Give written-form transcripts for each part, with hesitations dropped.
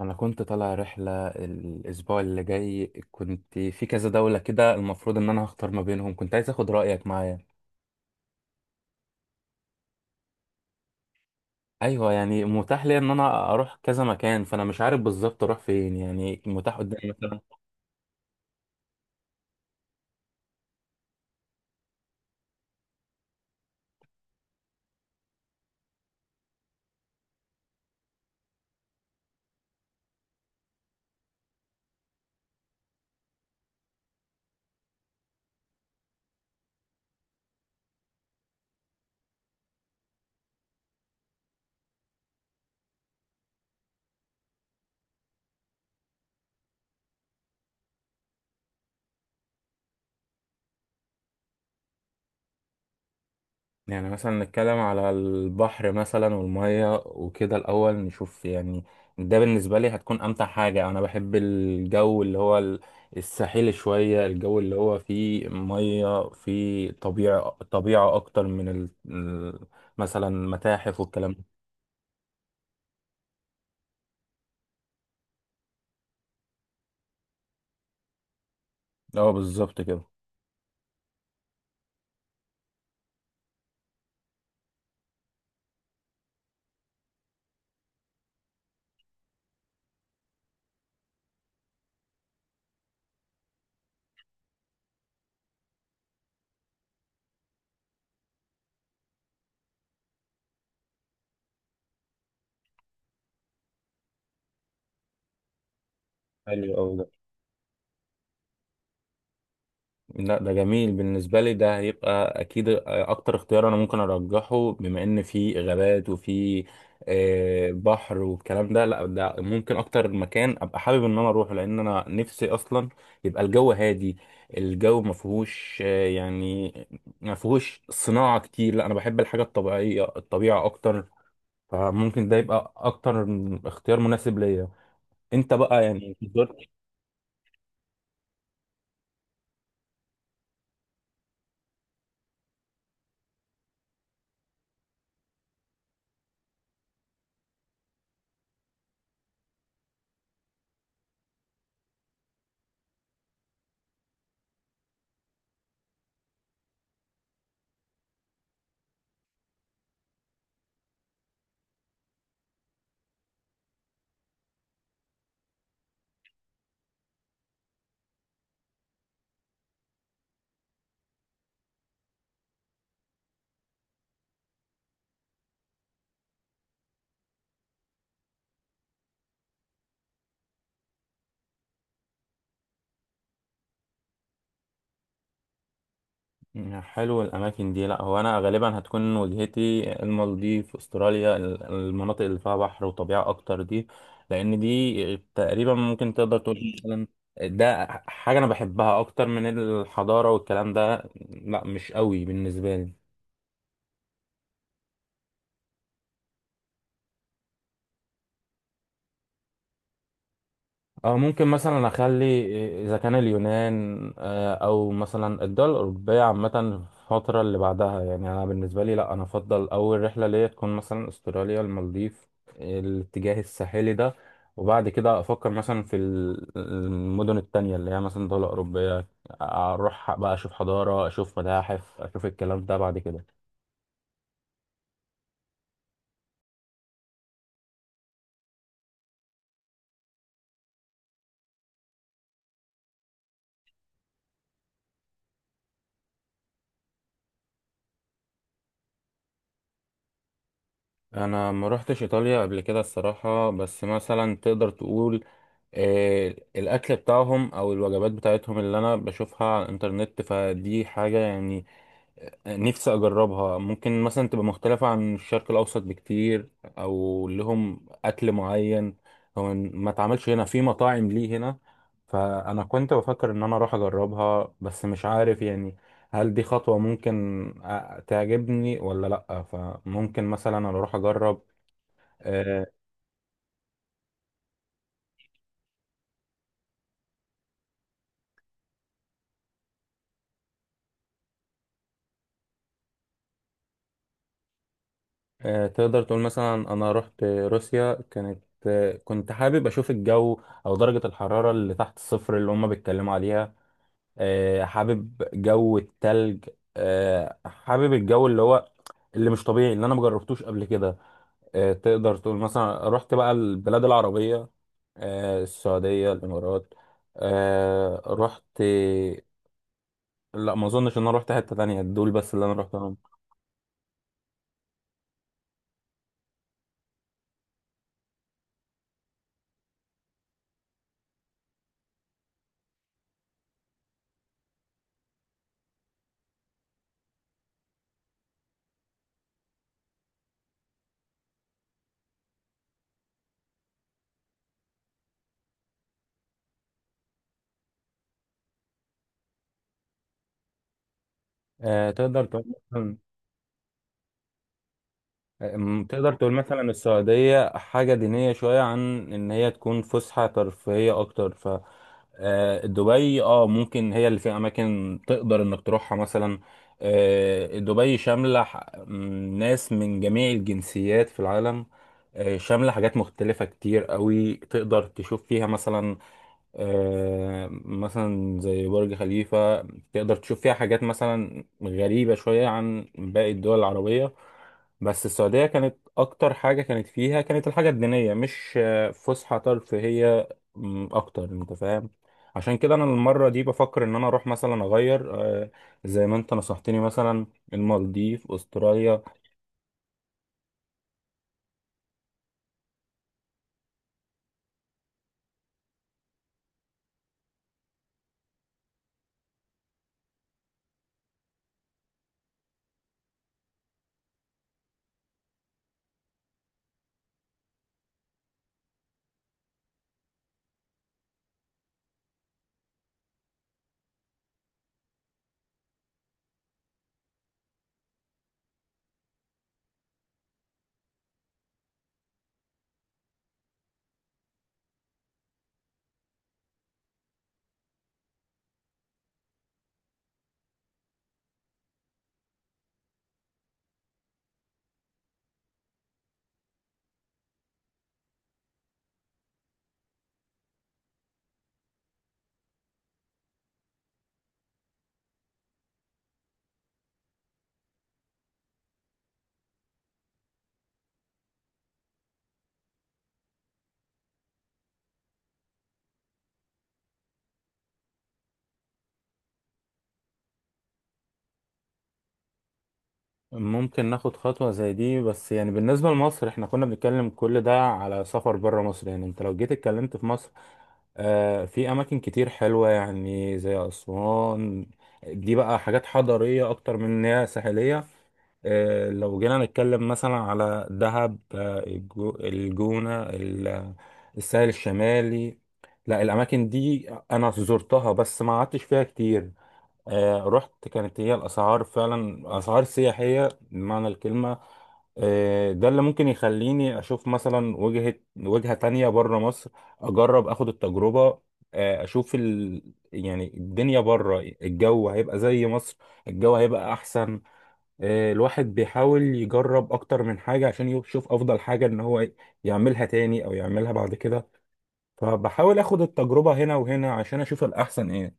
انا كنت طالع رحله الاسبوع اللي جاي. كنت في كذا دوله كده، المفروض ان انا هختار ما بينهم. كنت عايز اخد رايك معايا. ايوه، يعني متاح لي ان انا اروح كذا مكان، فانا مش عارف بالظبط اروح فين، يعني متاح قدامي. يعني مثلا نتكلم على البحر مثلا والمية وكده، الأول نشوف يعني ده بالنسبة لي هتكون أمتع حاجة. أنا بحب الجو اللي هو الساحلي شوية، الجو اللي هو فيه مية، فيه طبيعة طبيعة أكتر من مثلا متاحف والكلام. ده اه بالظبط كده. حلو أوي ده. لا، ده جميل بالنسبة لي، ده هيبقى أكيد أكتر اختيار أنا ممكن أرجحه، بما إن في غابات وفي بحر والكلام ده. لا، ده ممكن أكتر مكان أبقى حابب إن أنا أروحه، لأن أنا نفسي أصلا يبقى الجو هادي، الجو ما فيهوش يعني ما فيهوش صناعة كتير. لا، أنا بحب الحاجة الطبيعية، الطبيعة أكتر، فممكن ده يبقى أكتر اختيار مناسب ليا. أنت بقى يعني؟ حلو الأماكن دي. لأ، هو أنا غالبا هتكون وجهتي المالديف، أستراليا، المناطق اللي فيها بحر وطبيعة أكتر دي، لأن دي تقريبا ممكن تقدر تقول مثلا ده حاجة أنا بحبها أكتر من الحضارة والكلام ده. لأ، مش قوي بالنسبة لي. أو ممكن مثلا أخلي، إذا كان اليونان أو مثلا الدول الأوروبية عامة، في الفترة اللي بعدها. يعني أنا بالنسبة لي لأ، أنا أفضل أول رحلة ليا تكون مثلا أستراليا، المالديف، الاتجاه الساحلي ده، وبعد كده أفكر مثلا في المدن التانية اللي هي مثلا دولة أوروبية، أروح بقى أشوف حضارة، أشوف متاحف، أشوف الكلام ده بعد كده. انا ما روحتش ايطاليا قبل كده الصراحه، بس مثلا تقدر تقول الاكل بتاعهم او الوجبات بتاعتهم اللي انا بشوفها على الانترنت، فدي حاجه يعني نفسي اجربها. ممكن مثلا تبقى مختلفة عن الشرق الاوسط بكتير، او لهم اكل معين هو ما اتعملش هنا في مطاعم ليه هنا. فانا كنت بفكر ان انا اروح اجربها، بس مش عارف يعني هل دي خطوة ممكن تعجبني ولا لا. فممكن مثلا انا اروح اجرب. آه، تقدر تقول مثلا انا رحت روسيا. كانت كنت حابب اشوف الجو او درجة الحرارة اللي تحت الصفر اللي هم بيتكلموا عليها. حابب جو التلج، حابب الجو اللي هو اللي مش طبيعي اللي انا مجربتوش قبل كده. تقدر تقول مثلا رحت بقى البلاد العربية، السعودية، الامارات. رحت، لا ما اظنش ان انا رحت حتة تانية دول، بس اللي انا رحتهم. آه، تقدر تقول مثلا تقدر تقول مثلا السعودية حاجة دينية شوية، عن إن هي تكون فسحة ترفيهية أكتر. ف دبي اه ممكن هي اللي فيها أماكن تقدر إنك تروحها مثلا. دبي شاملة ح- م، ناس من جميع الجنسيات في العالم. شاملة حاجات مختلفة كتير قوي تقدر تشوف فيها مثلا مثلا زي برج خليفة. تقدر تشوف فيها حاجات مثلا غريبة شوية عن باقي الدول العربية. بس السعودية كانت أكتر حاجة كانت فيها، كانت الحاجة الدينية، مش فسحة ترفيهية أكتر، أنت فاهم. عشان كده أنا المرة دي بفكر إن أنا أروح مثلا أغير، آه، زي ما أنت نصحتني مثلا، المالديف، أستراليا. ممكن ناخد خطوة زي دي. بس يعني بالنسبة لمصر، احنا كنا بنتكلم كل ده على سفر بره مصر. يعني انت لو جيت اتكلمت في مصر، في اماكن كتير حلوه يعني زي اسوان. دي بقى حاجات حضاريه اكتر من ان هي ساحليه. لو جينا نتكلم مثلا على دهب، الجونة، الساحل الشمالي. لا، الأماكن دي أنا زرتها بس ما قعدتش فيها كتير. رحت، كانت هي الأسعار فعلا أسعار سياحية بمعنى الكلمة. ده اللي ممكن يخليني اشوف مثلا وجهة تانية بره مصر، اجرب اخد التجربة. آه، اشوف ال... يعني الدنيا بره، الجو هيبقى زي مصر، الجو هيبقى احسن. الواحد بيحاول يجرب اكتر من حاجة عشان يشوف افضل حاجة ان هو يعملها تاني او يعملها بعد كده. فبحاول اخد التجربة هنا وهنا عشان اشوف الاحسن ايه.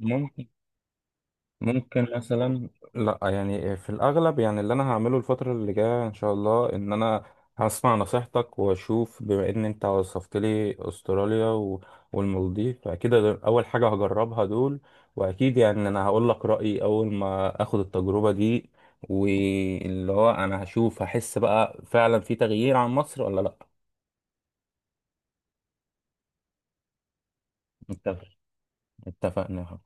ممكن ممكن مثلا، لا يعني في الاغلب يعني اللي انا هعمله الفتره اللي جايه ان شاء الله ان انا هسمع نصيحتك، واشوف بما ان انت وصفت لي استراليا والمالديف، فاكيد ده اول حاجه هجربها دول. واكيد يعني انا هقول لك رايي اول ما اخد التجربه دي، واللي هو انا هشوف هحس بقى فعلا في تغيير عن مصر ولا لا. اتفق. اتفقنا.